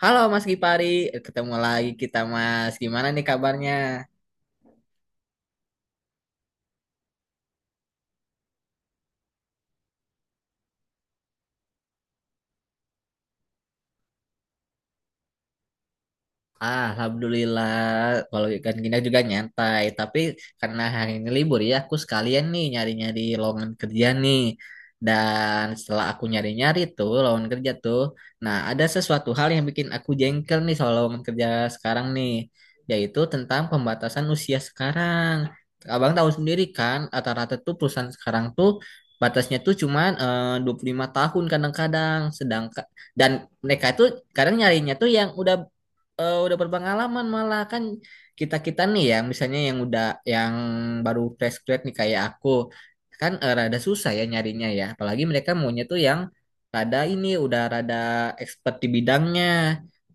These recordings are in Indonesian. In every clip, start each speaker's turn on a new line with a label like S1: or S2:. S1: Halo Mas Gipari, ketemu lagi kita Mas. Gimana nih kabarnya? Ah, Alhamdulillah, kalau ikan gini juga nyantai. Tapi karena hari ini libur ya, aku sekalian nih nyari-nyari lowongan kerja nih. Dan setelah aku nyari-nyari tuh lowongan kerja tuh, nah ada sesuatu hal yang bikin aku jengkel nih soal lowongan kerja sekarang nih, yaitu tentang pembatasan usia sekarang. Abang tahu sendiri kan, rata-rata tuh perusahaan sekarang tuh batasnya tuh cuman 25 tahun kadang-kadang, sedangkan dan mereka itu kadang nyarinya tuh yang udah udah berpengalaman malah kan kita-kita nih yang misalnya yang udah yang baru fresh grad nih kayak aku kan rada susah ya nyarinya ya apalagi mereka maunya tuh yang rada ini udah rada expert di bidangnya.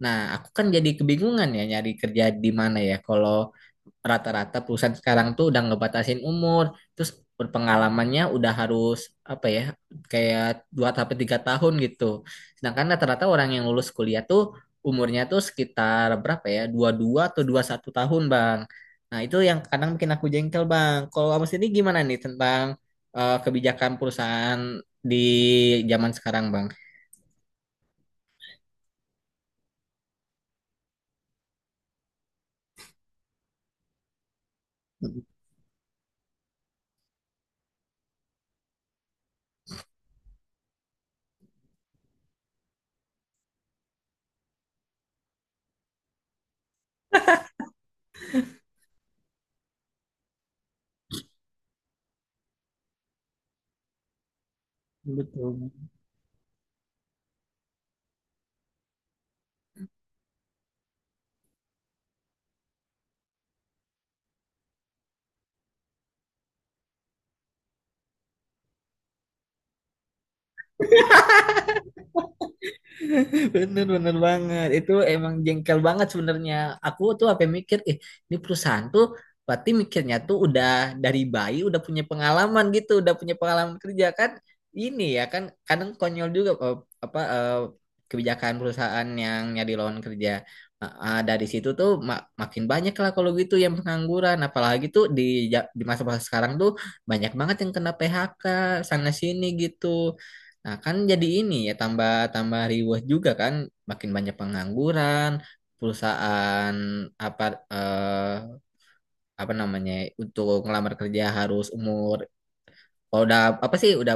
S1: Nah aku kan jadi kebingungan ya nyari kerja di mana ya kalau rata-rata perusahaan sekarang tuh udah ngebatasin umur, terus berpengalamannya udah harus apa ya, kayak 2 sampai 3 tahun gitu. Sedangkan rata-rata orang yang lulus kuliah tuh umurnya tuh sekitar berapa ya? Dua puluh dua atau dua puluh satu tahun, Bang. Nah, itu yang kadang bikin aku jengkel, Bang. Kalau Abang sendiri gimana nih tentang kebijakan perusahaan di zaman sekarang, Bang? Betul. Bener bener banget. Itu emang jengkel banget sebenarnya. Aku tuh apa yang mikir, ini perusahaan tuh berarti mikirnya tuh udah dari bayi udah punya pengalaman gitu, udah punya pengalaman kerja kan. Ini ya kan kadang konyol juga apa kebijakan perusahaan yang nyari lawan kerja. Nah, ah, dari situ tuh makin banyak lah kalau gitu yang pengangguran. Apalagi tuh di di masa-masa sekarang tuh banyak banget yang kena PHK sana sini gitu. Nah, kan jadi ini ya tambah tambah riweh juga kan, makin banyak pengangguran, perusahaan apa eh, apa namanya untuk ngelamar kerja harus umur kalau udah apa sih udah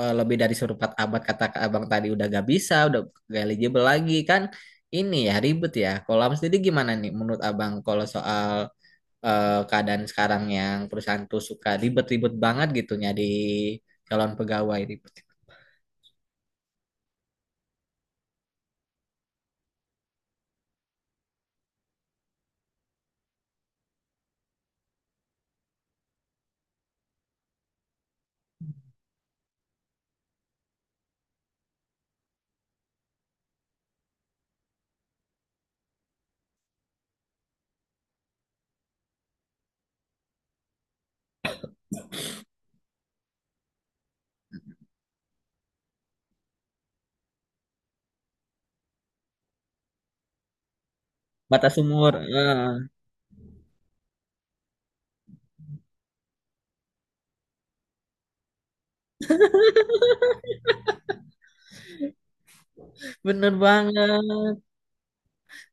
S1: lebih dari seperempat abad kata Kak Abang tadi udah gak bisa, udah gak eligible lagi kan. Ini ya ribet ya. Kalau Abang sendiri gimana nih menurut Abang kalau soal keadaan sekarang yang perusahaan tuh suka ribet-ribet banget gitu nyari calon pegawai ribet. Batas umur. Bener banget.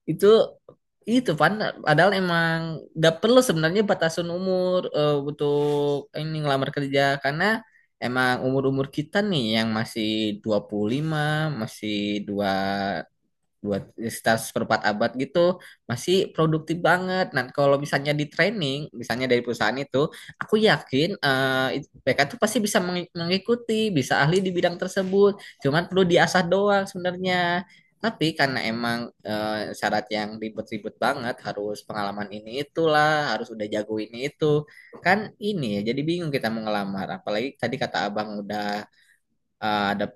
S1: Itu itu padahal emang gak perlu sebenarnya batasan umur untuk ini ngelamar kerja karena emang umur-umur kita nih yang masih 25 masih dua buat sekitar seperempat abad gitu masih produktif banget. Nah, kalau misalnya di training, misalnya dari perusahaan itu, aku yakin mereka tuh pasti bisa mengikuti, bisa ahli di bidang tersebut. Cuman perlu diasah doang sebenarnya. Tapi karena emang syarat yang ribet-ribet banget, harus pengalaman ini itulah, harus udah jago ini itu, kan ini ya. Jadi bingung kita mau ngelamar. Apalagi tadi kata abang udah ada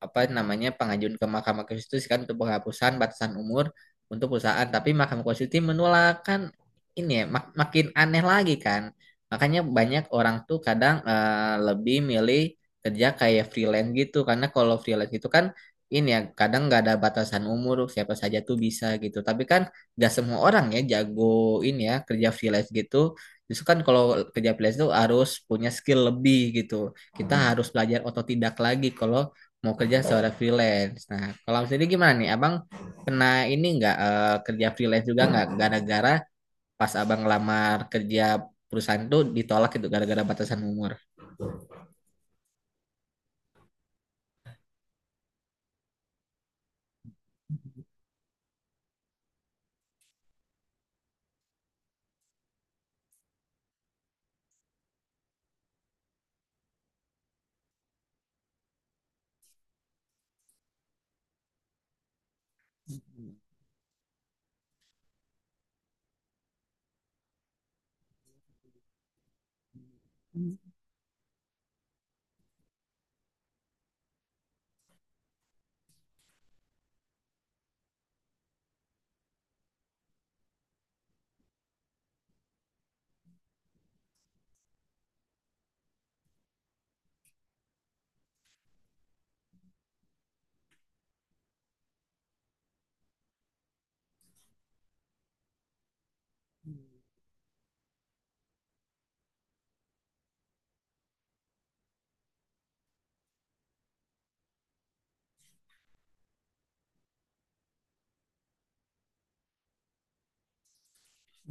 S1: apa namanya pengajuan ke Mahkamah Konstitusi kan untuk penghapusan batasan umur untuk perusahaan tapi Mahkamah Konstitusi menolak kan ini ya makin aneh lagi kan makanya banyak orang tuh kadang lebih milih kerja kayak freelance gitu karena kalau freelance itu kan ini ya kadang nggak ada batasan umur siapa saja tuh bisa gitu tapi kan nggak semua orang ya jago ini ya kerja freelance gitu justru kan kalau kerja freelance tuh harus punya skill lebih gitu kita harus belajar otodidak lagi kalau mau kerja seorang freelance. Nah, kalau sendiri gimana nih? Abang kena ini nggak kerja freelance juga nggak gara-gara pas abang ngelamar kerja perusahaan tuh ditolak gitu gara-gara batasan umur.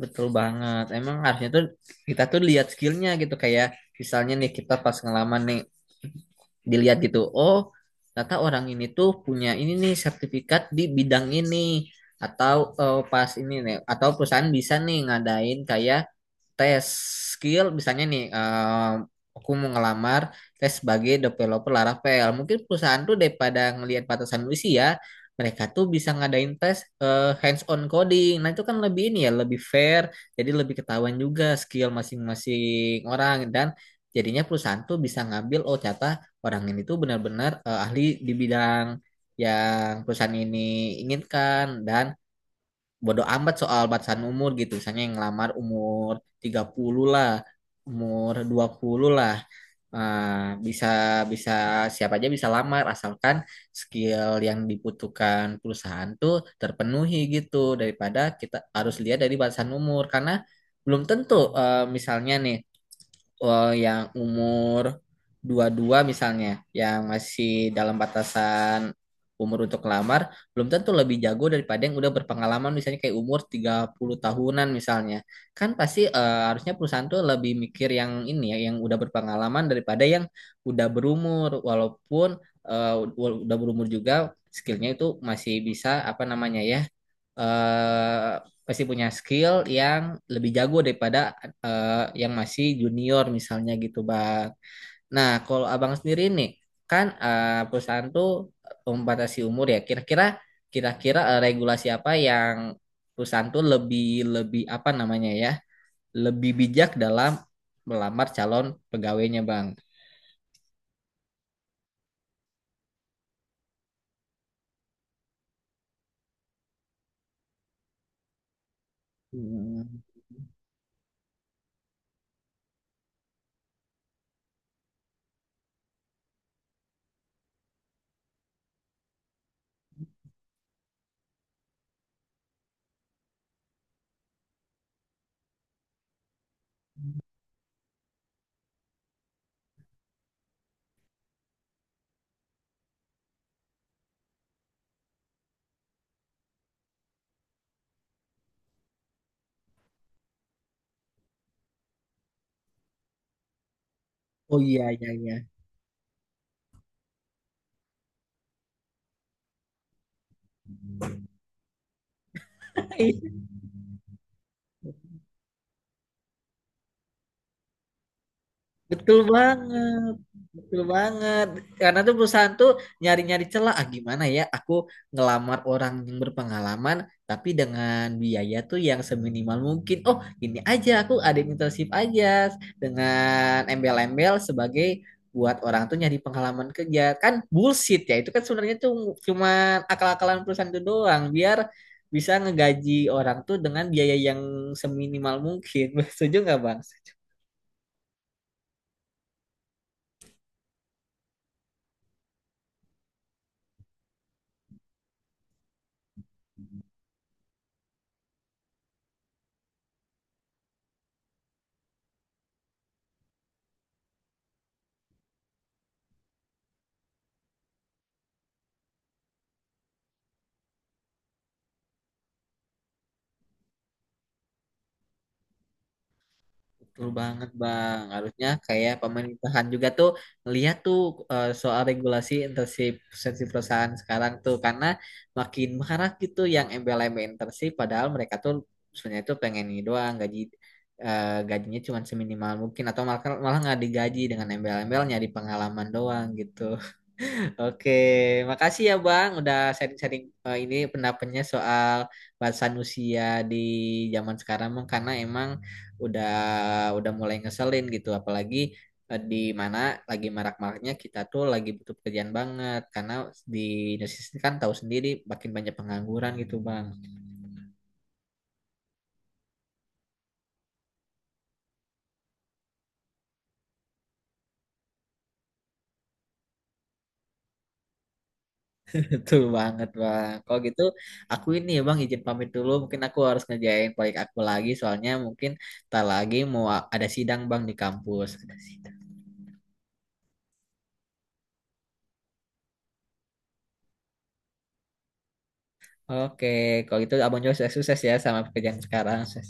S1: Betul banget. Emang harusnya tuh kita tuh lihat skillnya gitu kayak misalnya nih kita pas ngelamar nih dilihat gitu. Oh, ternyata orang ini tuh punya ini nih sertifikat di bidang ini atau pas ini nih atau perusahaan bisa nih ngadain kayak tes skill misalnya nih aku mau ngelamar tes sebagai developer Laravel mungkin perusahaan tuh daripada ngelihat batasan usia mereka tuh bisa ngadain tes hands on coding nah itu kan lebih ini ya lebih fair jadi lebih ketahuan juga skill masing-masing orang dan jadinya perusahaan tuh bisa ngambil oh ternyata orang ini tuh benar-benar ahli di bidang yang perusahaan ini inginkan dan bodo amat soal batasan umur gitu. Misalnya yang ngelamar umur 30 lah, umur 20 lah. Ah, bisa bisa siapa aja bisa lamar asalkan skill yang dibutuhkan perusahaan tuh terpenuhi gitu daripada kita harus lihat dari batasan umur karena belum tentu misalnya nih yang umur 22 misalnya, yang masih dalam batasan umur untuk lamar, belum tentu lebih jago daripada yang udah berpengalaman misalnya kayak umur 30 tahunan misalnya. Kan pasti harusnya perusahaan tuh lebih mikir yang ini ya, yang udah berpengalaman daripada yang udah berumur walaupun udah berumur juga skillnya itu masih bisa apa namanya ya eh pasti punya skill yang lebih jago daripada eh, yang masih junior misalnya gitu bang. Nah kalau abang sendiri nih kan perusahaan tuh membatasi umur ya. Kira-kira regulasi apa yang perusahaan tuh lebih lebih apa namanya ya lebih bijak dalam melamar calon pegawainya bang. Hmm. Oh iya, iya, iya. Betul banget, betul banget. Karena tuh perusahaan tuh nyari-nyari celah. Ah, gimana ya? Aku ngelamar orang yang berpengalaman, tapi dengan biaya tuh yang seminimal mungkin. Oh, ini aja aku ada internship aja dengan embel-embel sebagai buat orang tuh nyari pengalaman kerja. Kan bullshit ya. Itu kan sebenarnya tuh cuma akal-akalan perusahaan itu doang. Biar bisa ngegaji orang tuh dengan biaya yang seminimal mungkin. Setuju nggak, Bang? Betul banget Bang. Harusnya kayak pemerintahan juga tuh ngeliat tuh soal regulasi internship internship perusahaan sekarang tuh karena makin marak gitu yang embel-embel internship padahal mereka tuh sebenarnya tuh pengen ini doang gaji gajinya cuma seminimal mungkin atau malah malah nggak digaji dengan embel-embelnya di pengalaman doang gitu. Oke, makasih ya Bang udah sharing-sharing ini pendapatnya soal bahasa Nusia di zaman sekarang Bang karena emang udah udah mulai ngeselin gitu apalagi di mana lagi marak-maraknya kita tuh lagi butuh pekerjaan banget karena di Indonesia sendiri kan tahu sendiri makin banyak pengangguran gitu Bang. Betul banget Bang. Kalau gitu aku ini ya Bang izin pamit dulu mungkin aku harus ngerjain proyek aku lagi soalnya mungkin tak lagi mau ada sidang Bang di kampus. Ada sidang. Oke, kalau gitu Abang juga sukses, sukses ya sama pekerjaan sekarang. Sukses.